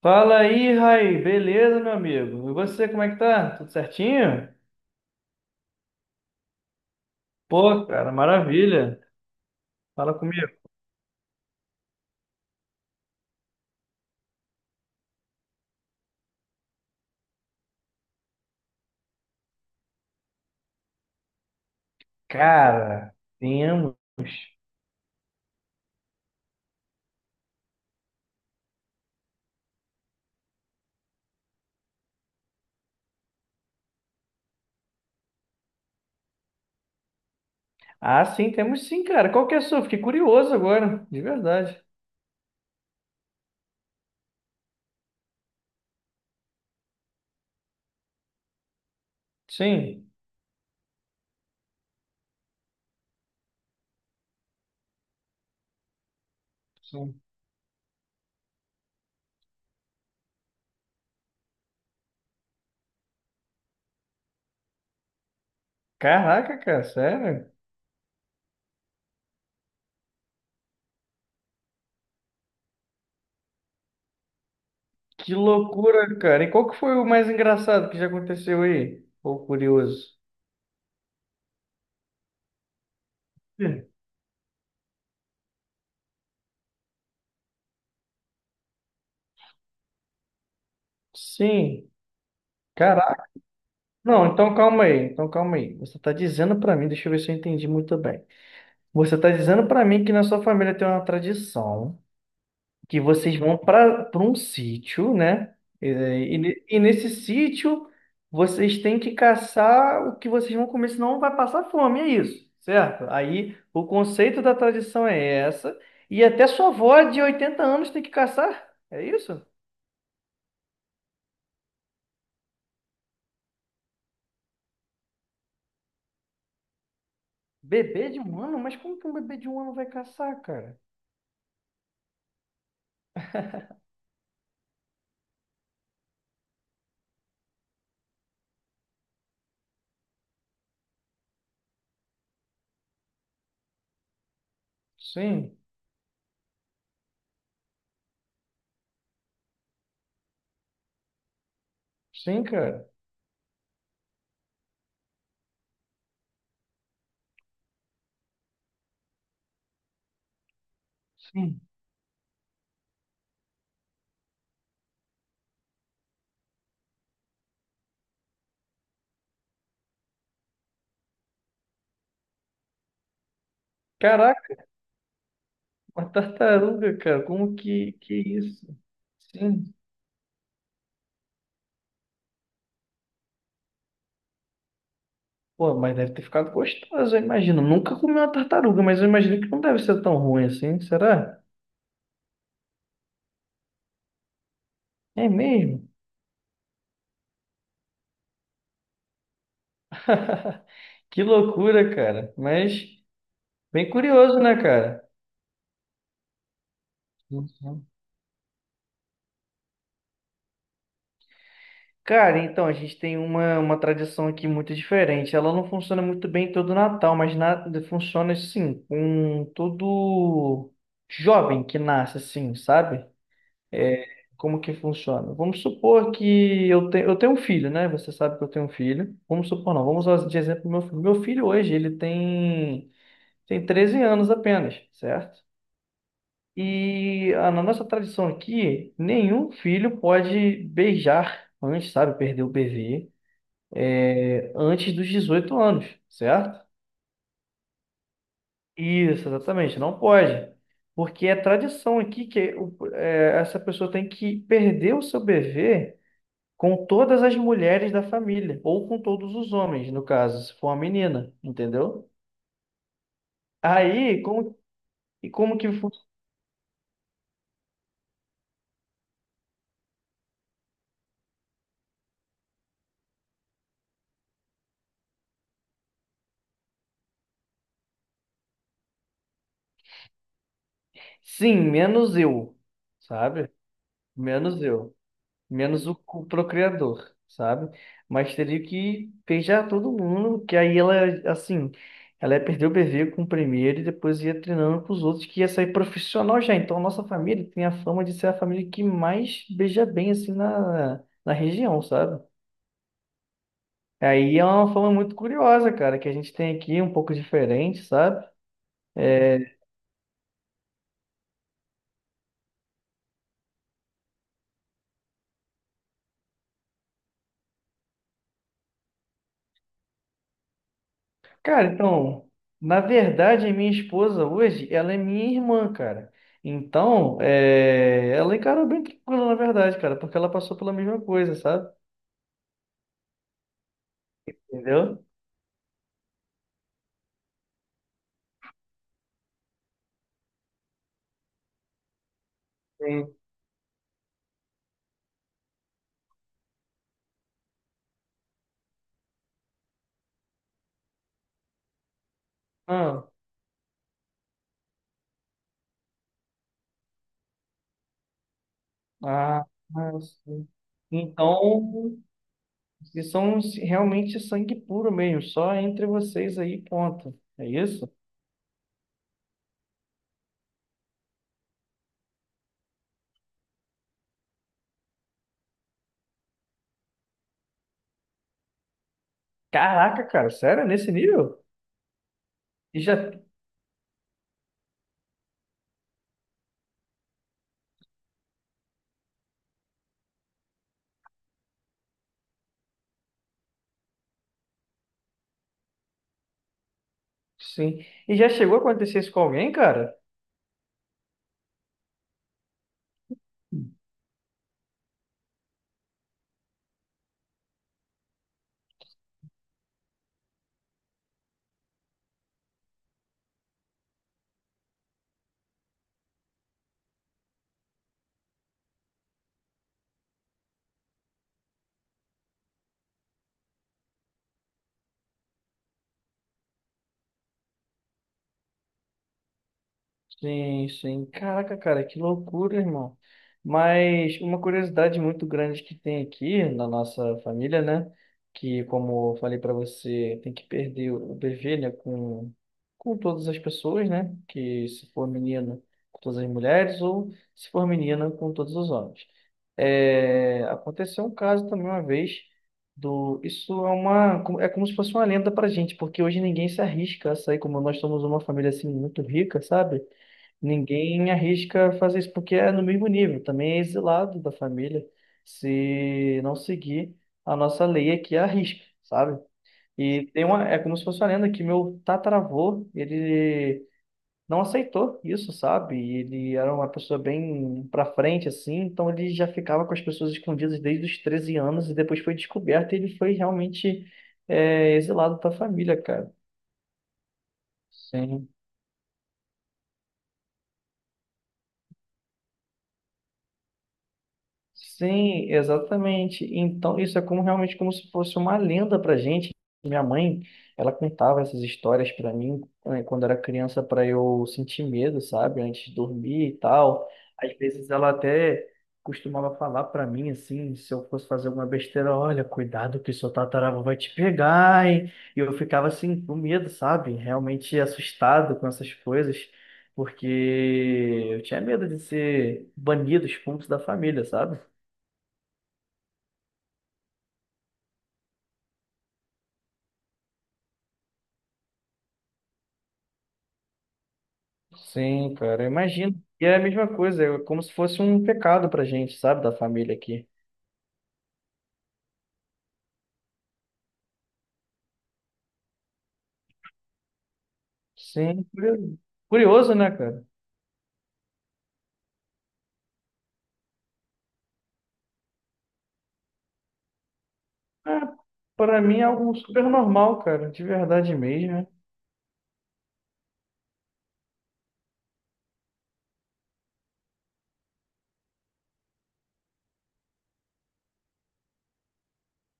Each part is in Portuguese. Fala aí, Raí. Beleza, meu amigo? E você, como é que tá? Tudo certinho? Pô, cara, maravilha. Fala comigo. Cara, temos. Ah, sim, temos sim, cara. Qual que é a sua? Fiquei curioso agora, de verdade. Sim. Sim. Caraca, cara, sério? Que loucura, cara. E qual que foi o mais engraçado que já aconteceu aí? Ou curioso? Sim. Sim. Caraca. Não, então calma aí. Então calma aí. Você tá dizendo pra mim, deixa eu ver se eu entendi muito bem. Você está dizendo para mim que na sua família tem uma tradição, que vocês vão para um sítio, né? E nesse sítio vocês têm que caçar o que vocês vão comer, senão vai passar fome, é isso, certo? Aí o conceito da tradição é essa, e até sua avó de 80 anos tem que caçar, é isso? Bebê de um ano? Mas como que um bebê de um ano vai caçar, cara? Sim, sim, cara. Sim. Uma tartaruga, cara, como que isso? Sim. Pô, mas deve ter ficado gostoso, eu imagino. Nunca comi uma tartaruga, mas eu imagino que não deve ser tão ruim assim, será? É mesmo? Que loucura, cara. Mas bem curioso, né, cara? Uhum. Cara, então, a gente tem uma tradição aqui muito diferente. Ela não funciona muito bem todo Natal, mas na, funciona assim, com todo jovem que nasce, assim, sabe? É, como que funciona? Vamos supor que eu tenho um filho, né? Você sabe que eu tenho um filho. Vamos supor, não, vamos usar de exemplo meu filho. Meu filho hoje, tem 13 anos apenas, certo? E na nossa tradição aqui, nenhum filho pode beijar antes, sabe? Perder o bebê antes dos 18 anos, certo? Isso, exatamente, não pode. Porque é tradição aqui que essa pessoa tem que perder o seu bebê com todas as mulheres da família, ou com todos os homens, no caso, se for uma menina, entendeu? Aí, como, e como que foi? Sim, menos eu, sabe? Menos eu, menos o procriador, sabe? Mas teria que beijar todo mundo, que aí ela, assim, ela ia perder o bebê com o primeiro e depois ia treinando com os outros, que ia sair profissional já. Então, a nossa família tem a fama de ser a família que mais beija bem, assim, na, na região, sabe? Aí é uma forma muito curiosa, cara, que a gente tem aqui, um pouco diferente, sabe? É, Cara, então, na verdade, a minha esposa hoje, ela é minha irmã, cara. Então, é... ela encarou bem tranquila, na verdade, cara, porque ela passou pela mesma coisa, sabe? Entendeu? Sim. Ah, ah, ah, sim. Então, vocês são realmente sangue puro mesmo, só entre vocês aí, ponto. É isso? Caraca, cara, sério? É nesse nível? E já Sim. E já chegou a acontecer isso com alguém, cara? Sim, sim. Caraca, cara, que loucura, irmão. Mas uma curiosidade muito grande que tem aqui na nossa família, né? Que, como eu falei para você, tem que perder o bebê, né? Com todas as pessoas, né? Que se for menina, com todas as mulheres, ou se for menina, com todos os homens. É, aconteceu um caso também uma vez do. Isso é uma. É como se fosse uma lenda pra gente, porque hoje ninguém se arrisca a sair, como nós somos uma família assim muito rica, sabe? Ninguém arrisca fazer isso porque é no mesmo nível, também é exilado da família se não seguir a nossa lei aqui é arrisca, sabe? E tem uma, é como se fosse uma lenda que meu tataravô, ele não aceitou isso, sabe? E ele era uma pessoa bem pra frente assim, então ele já ficava com as pessoas escondidas desde os 13 anos e depois foi descoberto e ele foi realmente exilado da família, cara. Sim. Sim, exatamente. Então, isso é como realmente como se fosse uma lenda para gente. Minha mãe, ela contava essas histórias para mim né, quando era criança para eu sentir medo, sabe, antes de dormir e tal. Às vezes ela até costumava falar para mim assim, se eu fosse fazer alguma besteira, olha, cuidado que seu tataravô vai te pegar, hein? E eu ficava assim com medo, sabe? Realmente assustado com essas coisas, porque eu tinha medo de ser banido, expulso da família, sabe? Sim, cara, eu imagino. E é a mesma coisa, é como se fosse um pecado pra gente, sabe, da família aqui. Sim, curioso, Curioso, né, cara? É, para mim é algo super normal, cara, de verdade mesmo. Né?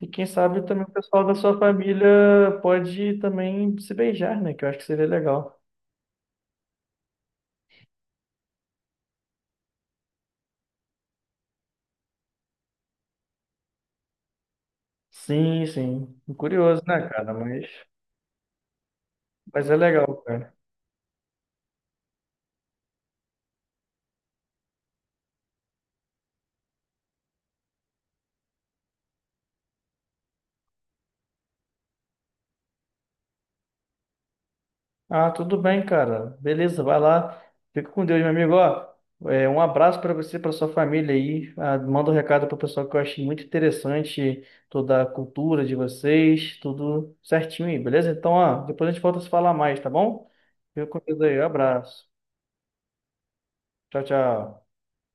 E quem sabe também o pessoal da sua família pode também se beijar, né? Que eu acho que seria legal. Sim, sim. Curioso, né, cara? Mas é legal, cara. Ah, tudo bem, cara. Beleza, vai lá. Fica com Deus, meu amigo. Ó, é, um abraço para você, para sua família aí. Ah, manda um recado para o pessoal que eu achei muito interessante toda a cultura de vocês, tudo certinho aí, beleza? Então, ó, depois a gente volta a se falar mais, tá bom? Fica com Deus aí. Abraço. Tchau, tchau.